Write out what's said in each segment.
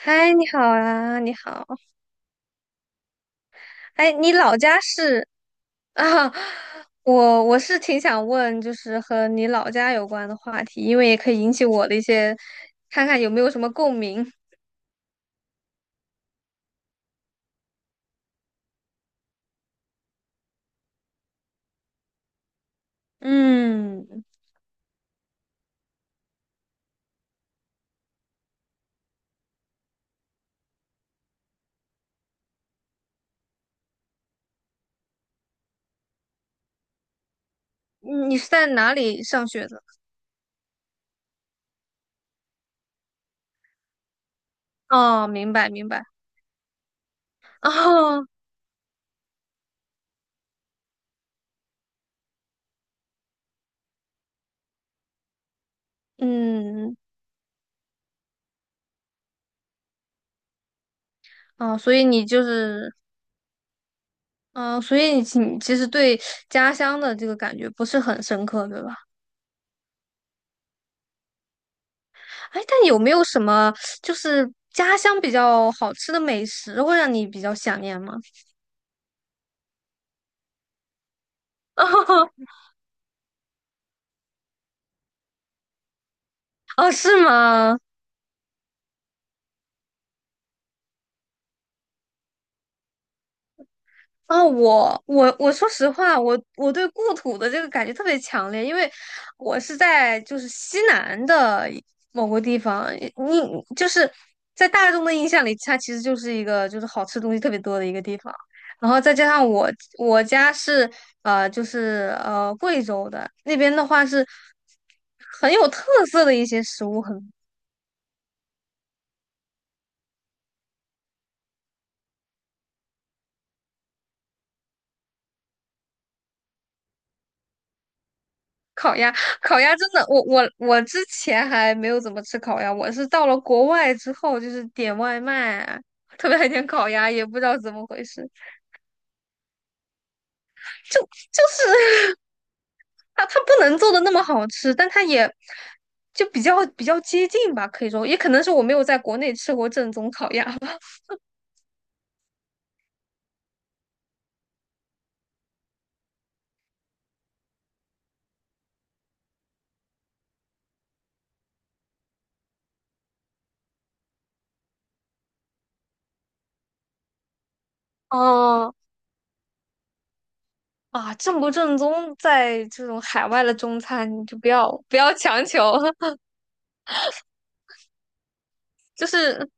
嗨，你好啊，你好。哎，你老家是 啊？我是挺想问，就是和你老家有关的话题，因为也可以引起我的一些，看看有没有什么共鸣。嗯，你是在哪里上学的？哦，明白明白。哦，嗯，哦，所以你就是，嗯、所以你其实对家乡的这个感觉不是很深刻，对吧？哎，但有没有什么就是家乡比较好吃的美食会让你比较想念吗？哦，是吗？啊，我说实话，我对故土的这个感觉特别强烈，因为我是在就是西南的某个地方，你就是在大众的印象里，它其实就是一个就是好吃东西特别多的一个地方。然后再加上我家是就是贵州的那边的话是很有特色的一些食物很烤鸭，烤鸭真的，我之前还没有怎么吃烤鸭，我是到了国外之后，就是点外卖啊，特别爱点烤鸭，也不知道怎么回事，就就是它不能做的那么好吃，但它也就比较接近吧，可以说，也可能是我没有在国内吃过正宗烤鸭吧。哦啊，正不正宗，在这种海外的中餐，你就不要强求，就是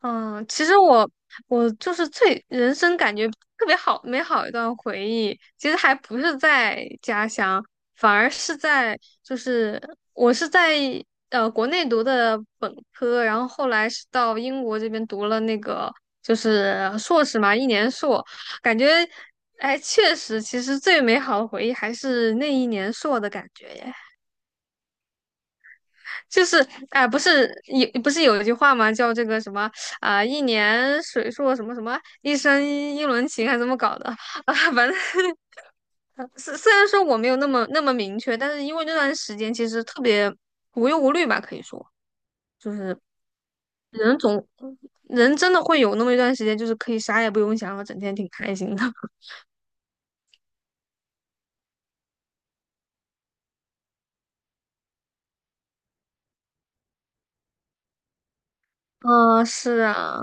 嗯，其实我就是最人生感觉特别好美好一段回忆，其实还不是在家乡，反而是在就是我是在国内读的本科，然后后来是到英国这边读了那个就是硕士嘛，一年硕，感觉哎确实，其实最美好的回忆还是那一年硕的感觉耶。就是不是有一句话吗？叫这个什么一年水硕什么什么，一生一轮情，还怎么搞的？啊，反正虽然说我没有那么那么明确，但是因为那段时间其实特别无忧无虑吧，可以说就是人总人真的会有那么一段时间，就是可以啥也不用想，然后整天挺开心的。嗯，是啊，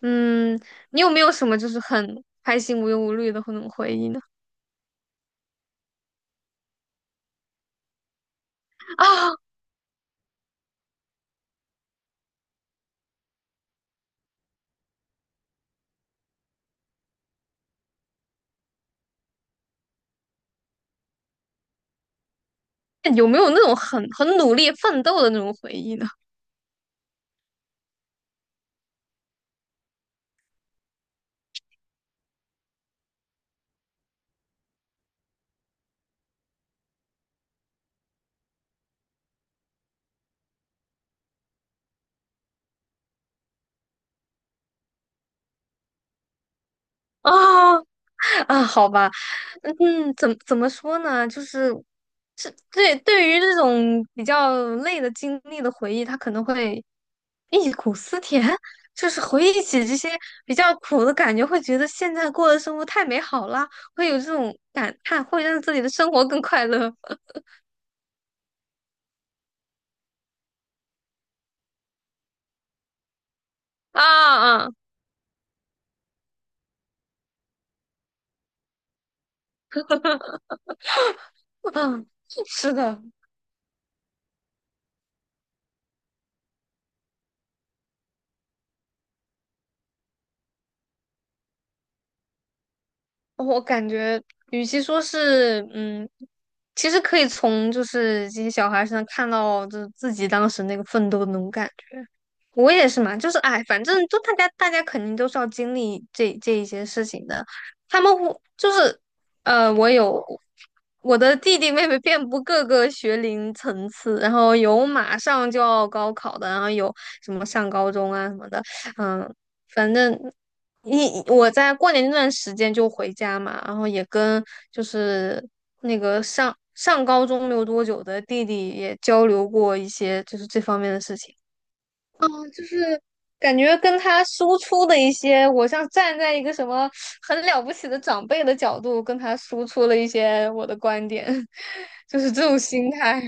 嗯，你有没有什么就是很开心无忧无虑的那种回忆呢？啊，有没有那种很努力奋斗的那种回忆呢？啊 啊，好吧，嗯，嗯怎么说呢？就是是对于这种比较累的经历的回忆，他可能会忆苦思甜，就是回忆起这些比较苦的感觉，会觉得现在过的生活太美好了，会有这种感叹，会让自己的生活更快乐。啊啊啊，是的。哦我感觉，与其说是，嗯，其实可以从就是这些小孩身上看到，就是自己当时那个奋斗的那种感觉。我也是嘛，就是哎，反正就大家肯定都是要经历这一些事情的。他们会就是，呃，我有我的弟弟妹妹遍布各个学龄层次，然后有马上就要高考的，然后有什么上高中啊什么的，嗯，反正。我在过年那段时间就回家嘛，然后也跟就是那个上高中没有多久的弟弟也交流过一些就是这方面的事情。嗯，就是感觉跟他输出的一些，我像站在一个什么很了不起的长辈的角度，跟他输出了一些我的观点，就是这种心态。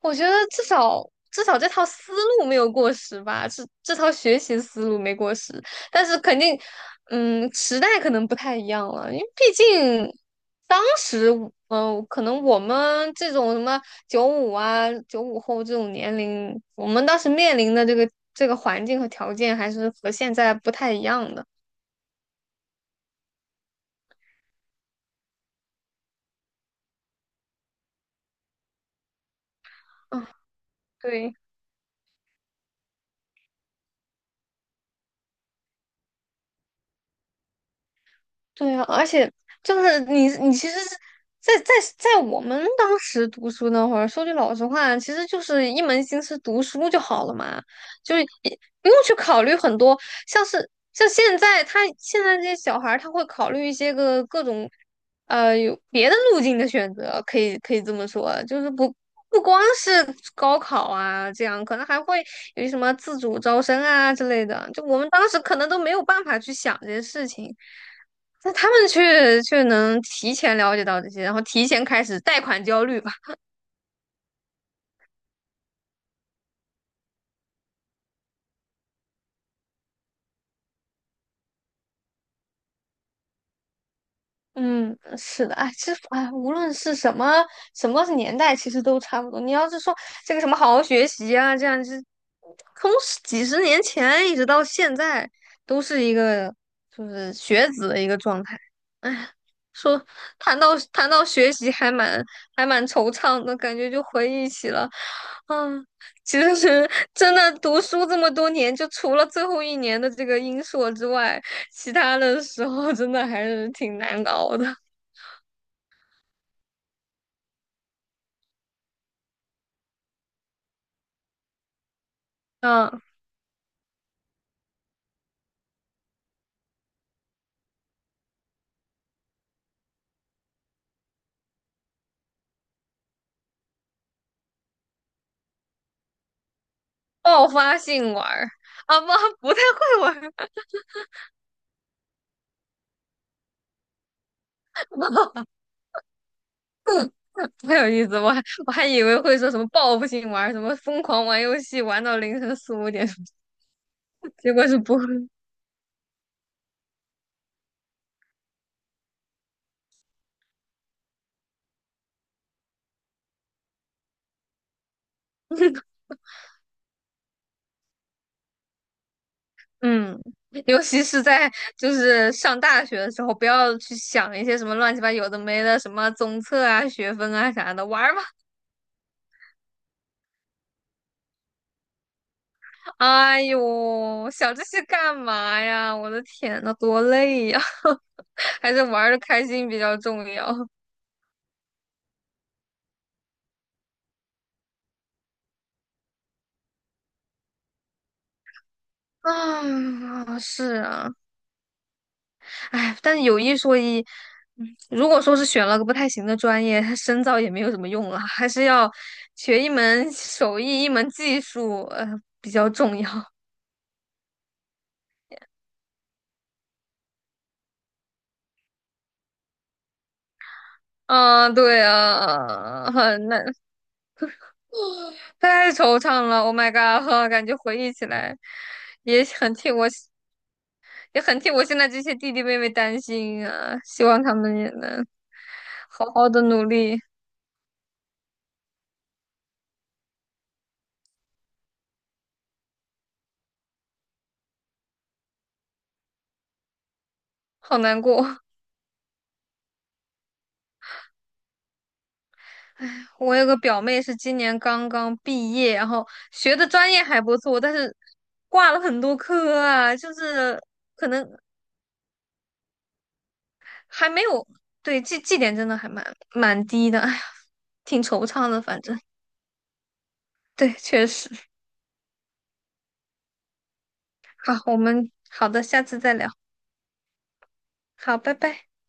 我觉得至少这套思路没有过时吧，这套学习思路没过时，但是肯定，嗯，时代可能不太一样了，因为毕竟当时，可能我们这种什么九五95后这种年龄，我们当时面临的这个环境和条件还是和现在不太一样的。嗯，对。对啊，而且就是你，你其实是在我们当时读书那会儿，说句老实话，其实就是一门心思读书就好了嘛，就是也不用去考虑很多，像现在这些小孩儿他会考虑一些个各种呃有别的路径的选择，可以这么说，就是不。不光是高考啊，这样可能还会有什么自主招生啊之类的。就我们当时可能都没有办法去想这些事情。那他们却能提前了解到这些，然后提前开始贷款焦虑吧。嗯，是的，哎，其实哎，无论是什么什么年代，其实都差不多。你要是说这个什么好好学习啊，这样就是从十几十年前一直到现在，都是一个就是学子的一个状态。哎，说谈到学习，还蛮惆怅的感觉，就回忆起了嗯，其实真的读书这么多年，就除了最后一年的这个英硕之外，其他的时候真的还是挺难熬的。嗯，爆发性玩儿啊，不，不太会玩儿，不太有意思。我还以为会说什么报复性玩儿，什么疯狂玩游戏玩到凌晨四五点，结果是不会。嗯，尤其是在就是上大学的时候，不要去想一些什么乱七八有的没的，什么综测啊、学分啊啥的，玩儿吧。哎呦，想这些干嘛呀？我的天呐，多累呀！还是玩的开心比较重要。啊，是啊，哎，但有一说一，嗯如果说是选了个不太行的专业，它深造也没有什么用了，还是要学一门手艺，一门技术，呃，比较重要。啊，对啊，很难，太惆怅了。Oh my god，感觉回忆起来也很替我。也很替我现在这些弟弟妹妹担心啊，希望他们也能好好的努力。好难过，我有个表妹是今年刚刚毕业，然后学的专业还不错，但是挂了很多科啊，就是可能还没有，对，绩点真的还蛮低的，哎呀，挺惆怅的，反正对，确实。好，好的，下次再聊，好，拜拜。